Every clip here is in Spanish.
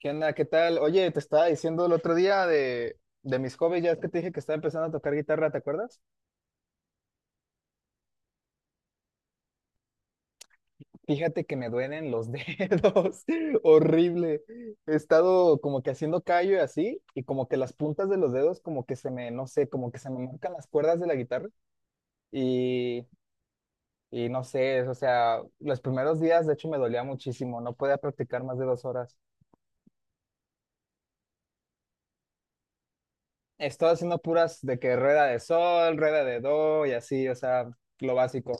¿Qué onda? ¿Qué tal? Oye, te estaba diciendo el otro día de mis hobbies, ya es que te dije que estaba empezando a tocar guitarra, ¿te acuerdas? Fíjate que me duelen los dedos, horrible. He estado como que haciendo callo y así, y como que las puntas de los dedos como que se me, no sé, como que se me marcan las cuerdas de la guitarra y, y no sé, o sea, los primeros días de hecho me dolía muchísimo, no podía practicar más de 2 horas. He estado haciendo puras de que rueda de sol, rueda de do y así, o sea, lo básico.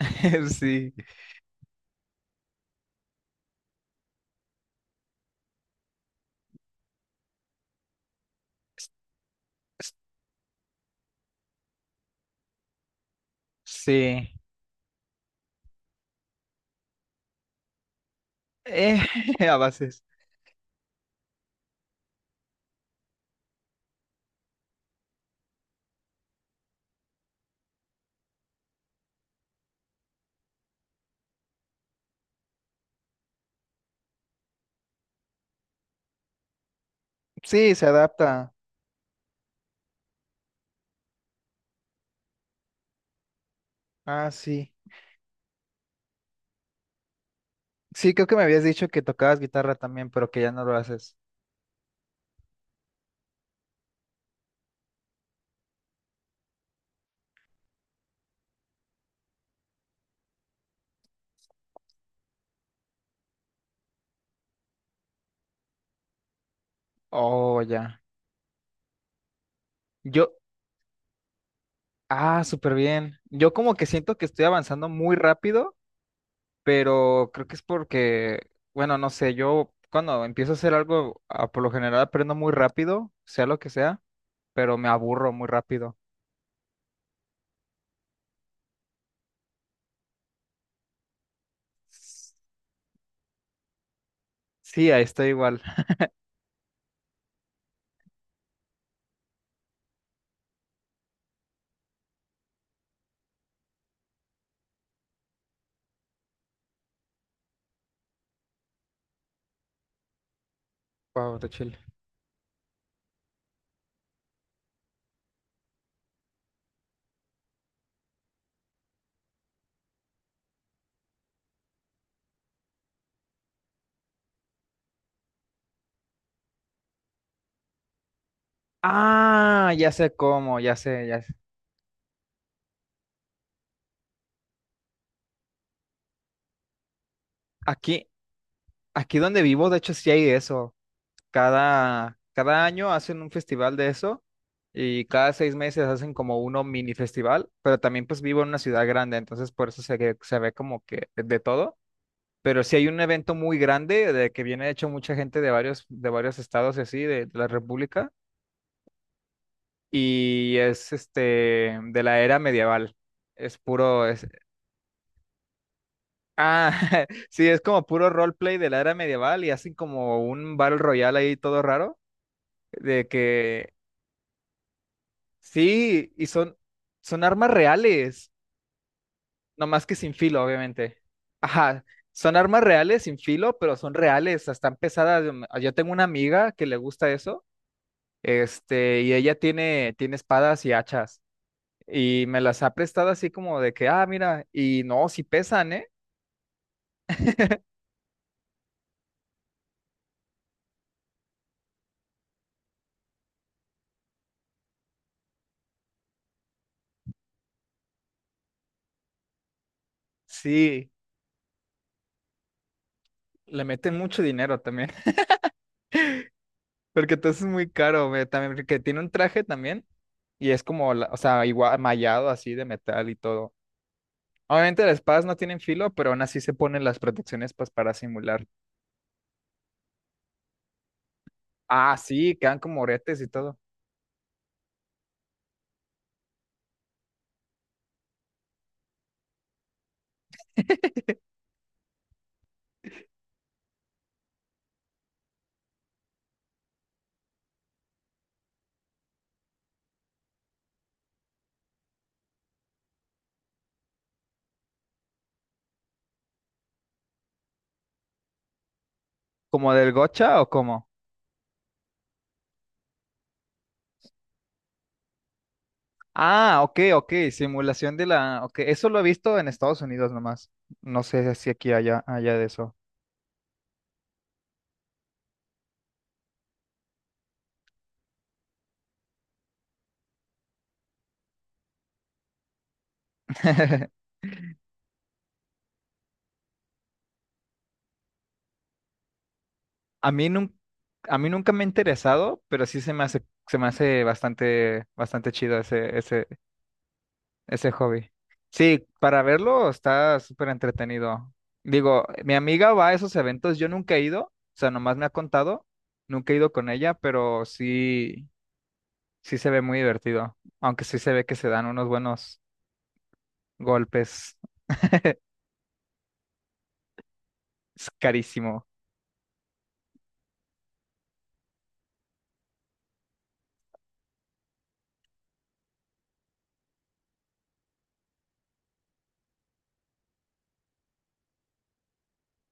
Sí. Sí, eh, a bases. Sí, se adapta. Ah, sí. Sí, creo que me habías dicho que tocabas guitarra también, pero que ya no lo haces. Oh, ya. Yo, súper bien. Yo como que siento que estoy avanzando muy rápido, pero creo que es porque, bueno, no sé, yo cuando empiezo a hacer algo, por lo general aprendo muy rápido, sea lo que sea, pero me aburro muy rápido. S- Sí, ahí estoy igual. Wow, está chill. Ah, ya sé cómo, ya sé, ya sé. Aquí, Aquí donde vivo, de hecho, sí hay eso. Cada año hacen un festival de eso y cada 6 meses hacen como uno mini festival, pero también pues vivo en una ciudad grande, entonces por eso se ve como que de todo. Pero sí hay un evento muy grande de que viene de hecho mucha gente de varios estados y así, de la República, y es este, de la era medieval. Es puro, ah, sí, es como puro roleplay de la era medieval y hacen como un battle royal ahí todo raro. De que sí, y son armas reales, nomás que sin filo, obviamente. Ajá, son armas reales sin filo, pero son reales, o sea, están pesadas. Yo tengo una amiga que le gusta eso, este, y ella tiene espadas y hachas, y me las ha prestado así como de que, mira, y no, sí pesan, ¿eh? Sí, le meten mucho dinero también, porque entonces es muy caro, güey, también, porque tiene un traje también, y es como, o sea, igual, mallado así de metal y todo. Obviamente las espadas no tienen filo, pero aún así se ponen las protecciones pues, para simular. Ah, sí, quedan como oretes y todo. ¿Como del gocha o cómo? Ah, ok, ok, simulación de la... Ok, eso lo he visto en Estados Unidos nomás. No sé si aquí allá de eso. A mí, nunca a mí nunca me ha interesado, pero sí se me hace, bastante, bastante chido ese hobby. Sí, para verlo está súper entretenido. Digo, mi amiga va a esos eventos, yo nunca he ido, o sea, nomás me ha contado, nunca he ido con ella, pero sí se ve muy divertido, aunque sí se ve que se dan unos buenos golpes, es carísimo.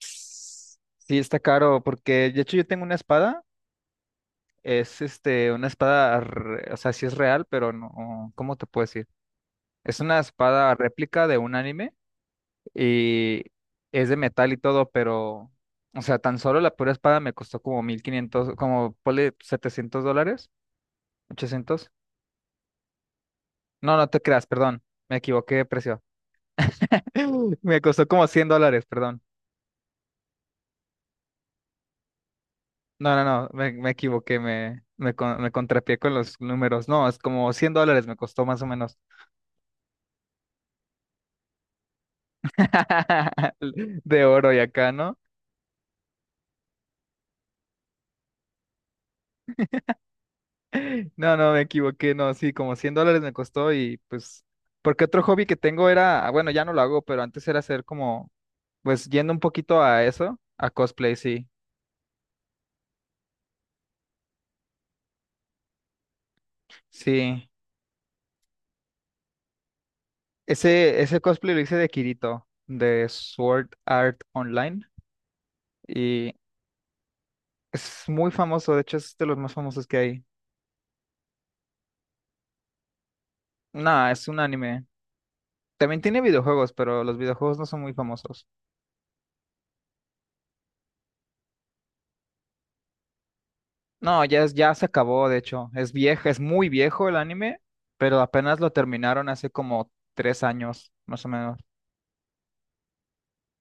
Sí, está caro, porque de hecho yo tengo una espada, es este, una espada, o sea, sí es real, pero no, ¿cómo te puedo decir? Es una espada réplica de un anime y es de metal y todo, pero, o sea, tan solo la pura espada me costó como 1,500 como ponle $700, 800. No, no te creas, perdón, me equivoqué de precio. Me costó como $100, perdón. No, no, no, me equivoqué, me contrapié con los números. No, es como $100 me costó más o menos de oro y acá, ¿no? No, no, me equivoqué, no, sí, como $100 me costó y pues... Porque otro hobby que tengo era, bueno, ya no lo hago, pero antes era hacer como... Pues yendo un poquito a eso, a cosplay, sí. Sí. Ese cosplay lo hice de Kirito, de Sword Art Online. Y es muy famoso, de hecho es de los más famosos que hay. No, es un anime. También tiene videojuegos, pero los videojuegos no son muy famosos. No, ya, ya se acabó, de hecho. Es viejo, es muy viejo el anime, pero apenas lo terminaron hace como 3 años, más o menos.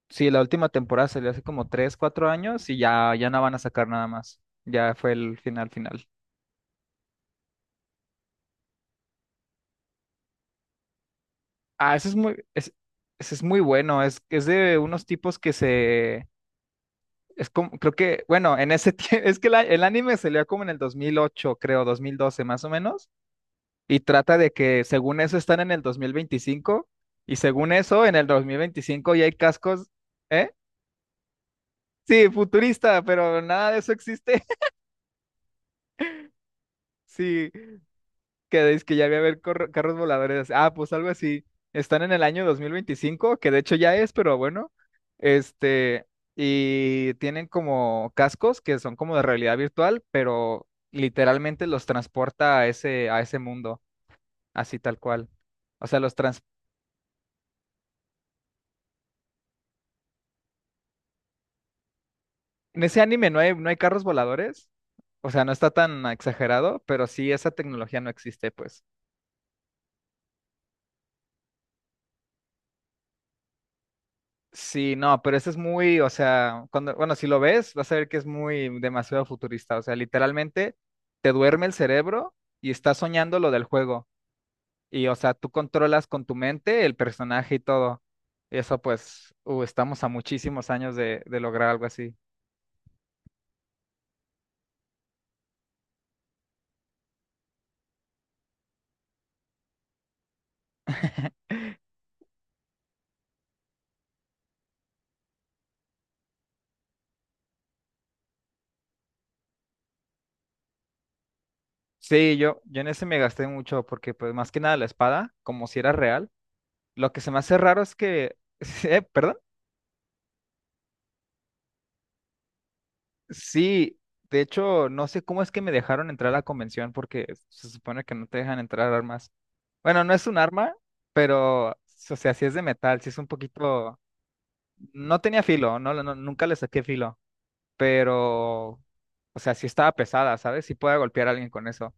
Sí, la última temporada salió hace como tres, cuatro años y ya, ya no van a sacar nada más. Ya fue el final final. Ah, ese es muy bueno. Es de unos tipos es como, creo que, bueno, en ese tiempo, es que el anime salió como en el 2008, creo, 2012 más o menos, y trata de que según eso están en el 2025 y según eso en el 2025 ya hay cascos, ¿eh? Sí, futurista, pero nada de eso existe. Sí. Que dice que ya va a haber carros voladores. Ah, pues algo así. Están en el año 2025 que de hecho ya es, pero bueno. Este, y tienen como cascos que son como de realidad virtual, pero literalmente los transporta a ese, mundo, así tal cual. O sea, los trans... En ese anime no hay carros voladores. O sea, no está tan exagerado, pero sí, esa tecnología no existe, pues. Sí, no, pero eso es muy, o sea, cuando, bueno, si lo ves, vas a ver que es muy demasiado futurista. O sea, literalmente te duerme el cerebro y estás soñando lo del juego. Y, o sea, tú controlas con tu mente el personaje y todo. Y eso, pues, estamos a muchísimos años de lograr algo así. Sí, yo en ese me gasté mucho porque, pues, más que nada la espada, como si era real. Lo que se me hace raro es que, perdón. Sí, de hecho, no sé cómo es que me dejaron entrar a la convención porque se supone que no te dejan entrar armas. Bueno, no es un arma, pero, o sea, sí es de metal, sí es un poquito... No tenía filo, nunca le saqué filo, pero, o sea, sí estaba pesada, ¿sabes? Sí podía golpear a alguien con eso.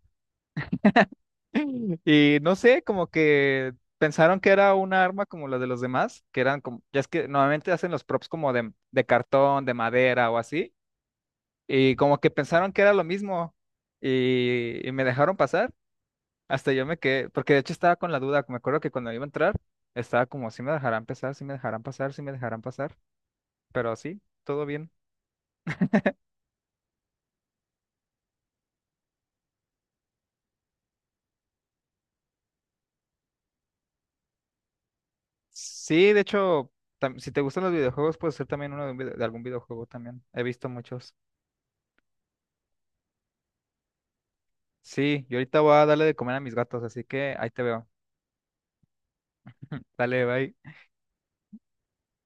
Y no sé, como que pensaron que era una arma como la de los demás, que eran como, ya es que normalmente hacen los props como de cartón, de madera o así. Y como que pensaron que era lo mismo y me dejaron pasar. Hasta yo me quedé, porque de hecho estaba con la duda. Me acuerdo que cuando iba a entrar, estaba como, si me dejarán pasar, si me dejarán pasar, si me dejarán pasar. Pero sí, todo bien. Sí, de hecho, si te gustan los videojuegos, puede ser también uno de, un vide- de algún videojuego también. He visto muchos. Sí, yo ahorita voy a darle de comer a mis gatos, así que ahí te veo. Dale, bye.